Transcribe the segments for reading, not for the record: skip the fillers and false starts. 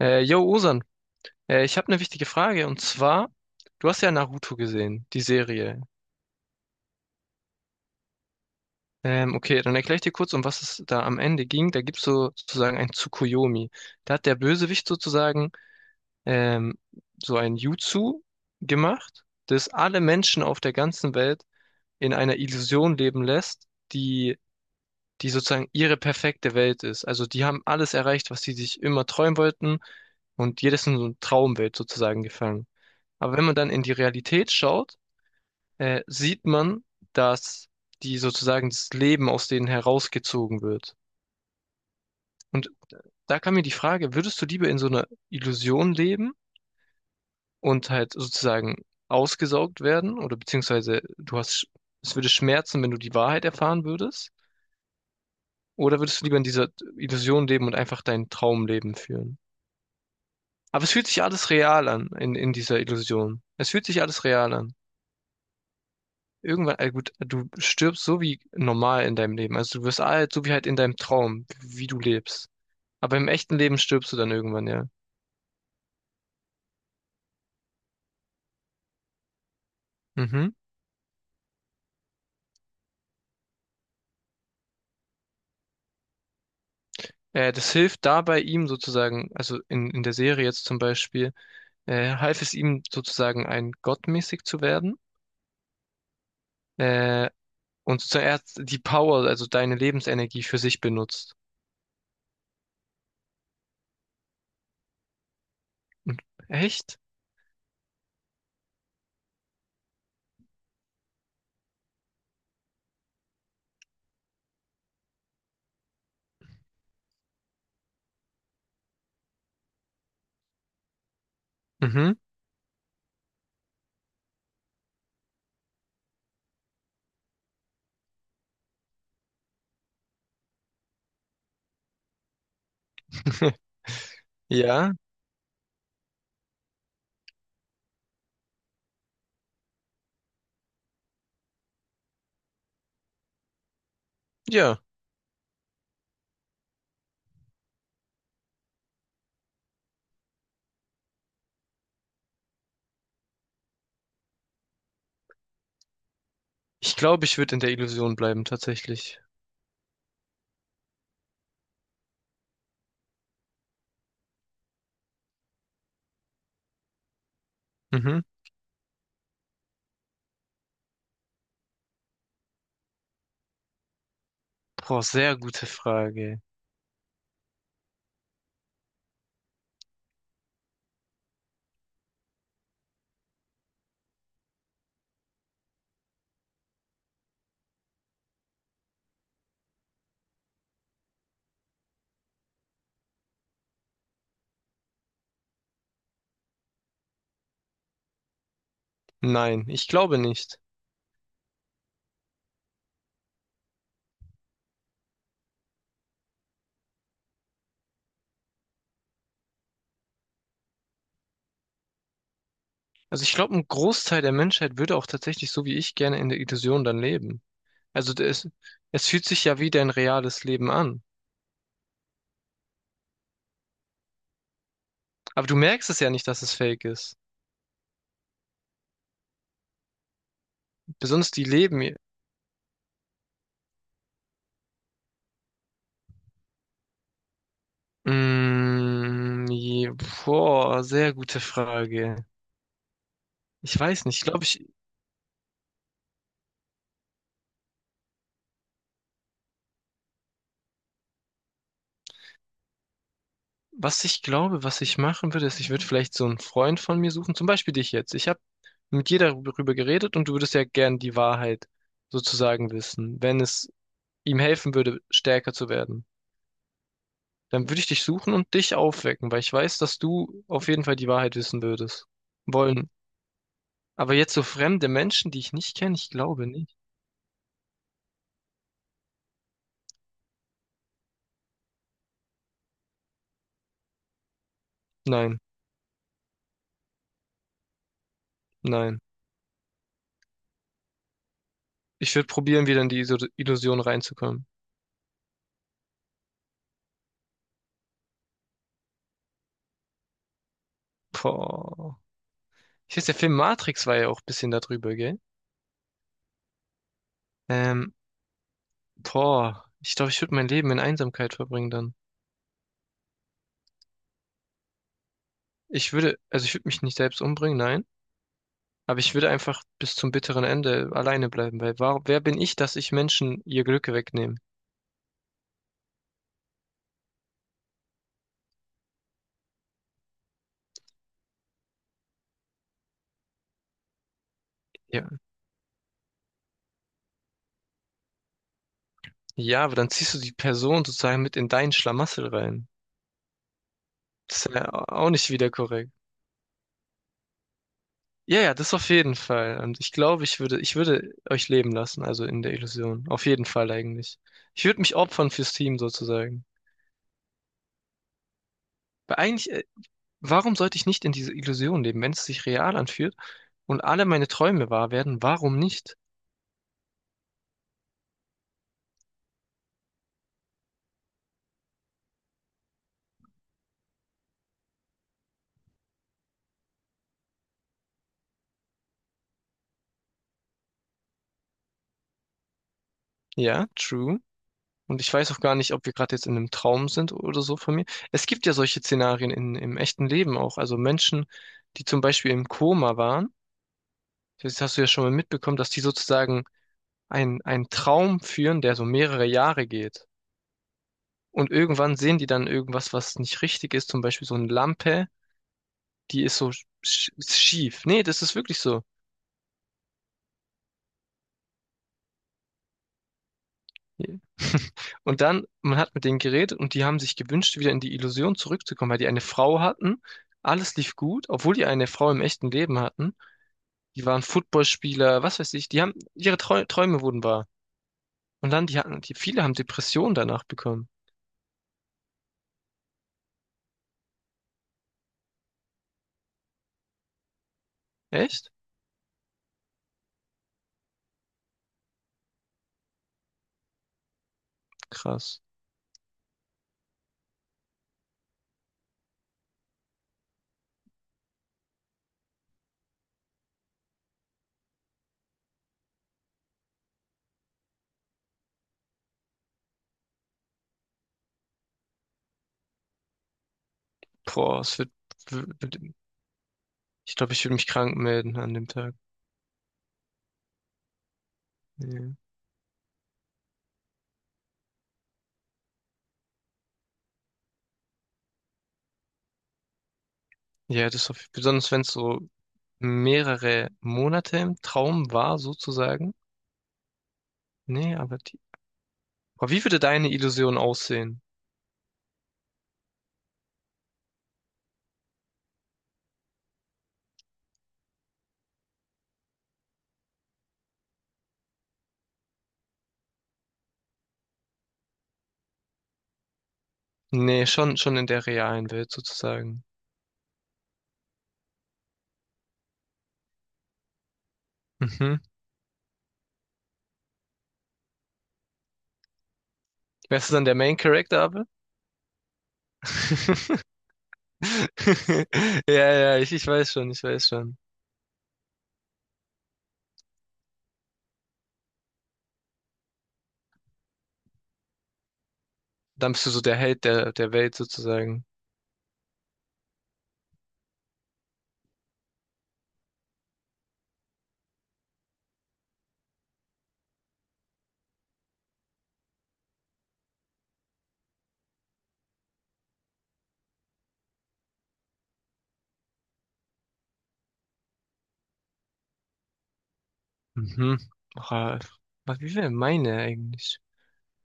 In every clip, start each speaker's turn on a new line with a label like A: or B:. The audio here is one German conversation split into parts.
A: Yo, Osan, ich habe eine wichtige Frage und zwar, du hast ja Naruto gesehen, die Serie. Okay, dann erkläre ich dir kurz, um was es da am Ende ging. Da gibt's so sozusagen ein Tsukuyomi. Da hat der Bösewicht sozusagen ähm, so ein Jutsu gemacht, das alle Menschen auf der ganzen Welt in einer Illusion leben lässt, die sozusagen ihre perfekte Welt ist. Also die haben alles erreicht, was sie sich immer träumen wollten, und jedes in so eine Traumwelt sozusagen gefangen. Aber wenn man dann in die Realität schaut, sieht man, dass die sozusagen das Leben aus denen herausgezogen wird. Und da kam mir die Frage, würdest du lieber in so einer Illusion leben und halt sozusagen ausgesaugt werden, oder beziehungsweise du hast, es würde schmerzen, wenn du die Wahrheit erfahren würdest? Oder würdest du lieber in dieser Illusion leben und einfach dein Traumleben führen? Aber es fühlt sich alles real an in dieser Illusion. Es fühlt sich alles real an. Irgendwann, gut, du stirbst so wie normal in deinem Leben. Also du wirst alt, so wie halt in deinem Traum, wie du lebst. Aber im echten Leben stirbst du dann irgendwann, ja. Mhm. Das hilft dabei ihm sozusagen, also in der Serie jetzt zum Beispiel, half es ihm sozusagen ein gottmäßig zu werden. Äh, und sozusagen er hat die Power, also deine Lebensenergie für sich benutzt. Und- echt? Mhm. Ja, ja. Ich glaube, ich würde in der Illusion bleiben, tatsächlich. Mhm. Boah, sehr gute Frage. Nein, ich glaube nicht. Also ich glaube, ein Großteil der Menschheit würde auch tatsächlich so wie ich gerne in der Illusion dann leben. Also es fühlt sich ja wie dein reales Leben an. Aber du merkst es ja nicht, dass es fake ist. Besonders die leben. Mm, je- boah, sehr gute Frage. Ich weiß nicht. Was ich glaube, was ich machen würde, ist, ich würde vielleicht so einen Freund von mir suchen. Zum Beispiel dich jetzt. Ich habe mit dir darüber geredet und du würdest ja gern die Wahrheit sozusagen wissen, wenn es ihm helfen würde, stärker zu werden, dann würde ich dich suchen und dich aufwecken, weil ich weiß, dass du auf jeden Fall die Wahrheit wissen würdest. Wollen. Aber jetzt so fremde Menschen, die ich nicht kenne, ich glaube nicht. Nein, nein. Ich würde probieren, wieder in die Illusion reinzukommen. Boah. Ich weiß, der Film Matrix war ja auch ein bisschen darüber, gell? Ähm, boah. Ich glaube, ich würde mein Leben in Einsamkeit verbringen dann. Also ich würde mich nicht selbst umbringen, nein. Aber ich würde einfach bis zum bitteren Ende alleine bleiben, weil warum, wer bin ich, dass ich Menschen ihr Glück wegnehme? Ja. Ja, aber dann ziehst du die Person sozusagen mit in deinen Schlamassel rein. Das ist ja auch nicht wieder korrekt. Ja, ja, das auf jeden Fall. Und ich glaube, ich würde euch leben lassen, also in der Illusion. Auf jeden Fall eigentlich. Ich würde mich opfern fürs Team sozusagen. Weil eigentlich, warum sollte ich nicht in diese Illusion leben, wenn es sich real anfühlt und alle meine Träume wahr werden? Warum nicht? Ja, true. Und ich weiß auch gar nicht, ob wir gerade jetzt in einem Traum sind oder so von mir. Es gibt ja solche Szenarien im echten Leben auch. Also Menschen, die zum Beispiel im Koma waren, das hast du ja schon mal mitbekommen, dass die sozusagen einen Traum führen, der so mehrere Jahre geht. Und irgendwann sehen die dann irgendwas, was nicht richtig ist, zum Beispiel so eine Lampe, die ist so schief. Nee, das ist wirklich so. Ja. Und dann, man hat mit denen geredet und die haben sich gewünscht, wieder in die Illusion zurückzukommen, weil die eine Frau hatten. Alles lief gut, obwohl die eine Frau im echten Leben hatten. Die waren Footballspieler, was weiß ich. Die haben, ihre Trau Träume wurden wahr. Und dann, viele haben Depressionen danach bekommen. Echt? Krass. Boah, es wird, wird, ich glaube, ich würde mich krank melden an dem Tag. Ja, ja das ist auf, besonders wenn es so mehrere Monate im Traum war, sozusagen. Nee, aber die Aber wie würde deine Illusion aussehen? Nee, schon in der realen Welt sozusagen. Mhm. Wärst du dann der Main Character, aber? Ja, ja, ich weiß schon, ich weiß schon. Dann bist du so der Held der Welt sozusagen. Mhm. Ach, äh, was, wie wäre meine eigentlich?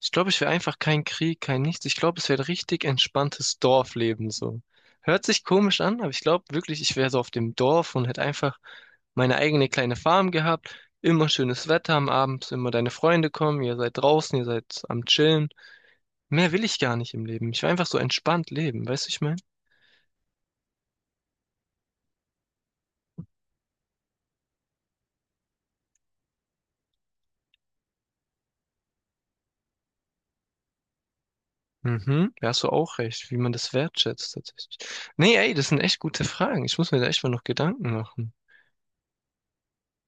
A: Ich glaube, ich will einfach keinen Krieg, kein Nichts. Ich glaube, es wäre richtig entspanntes Dorfleben so. Hört sich komisch an, aber ich glaube wirklich, ich wäre so auf dem Dorf und hätte einfach meine eigene kleine Farm gehabt. Immer schönes Wetter am Abend, immer deine Freunde kommen, ihr seid draußen, ihr seid am Chillen. Mehr will ich gar nicht im Leben. Ich will einfach so entspannt leben, weißt du, ich meine? Mhm, da hast du auch recht, wie man das wertschätzt tatsächlich. Nee, ey, das sind echt gute Fragen. Ich muss mir da echt mal noch Gedanken machen.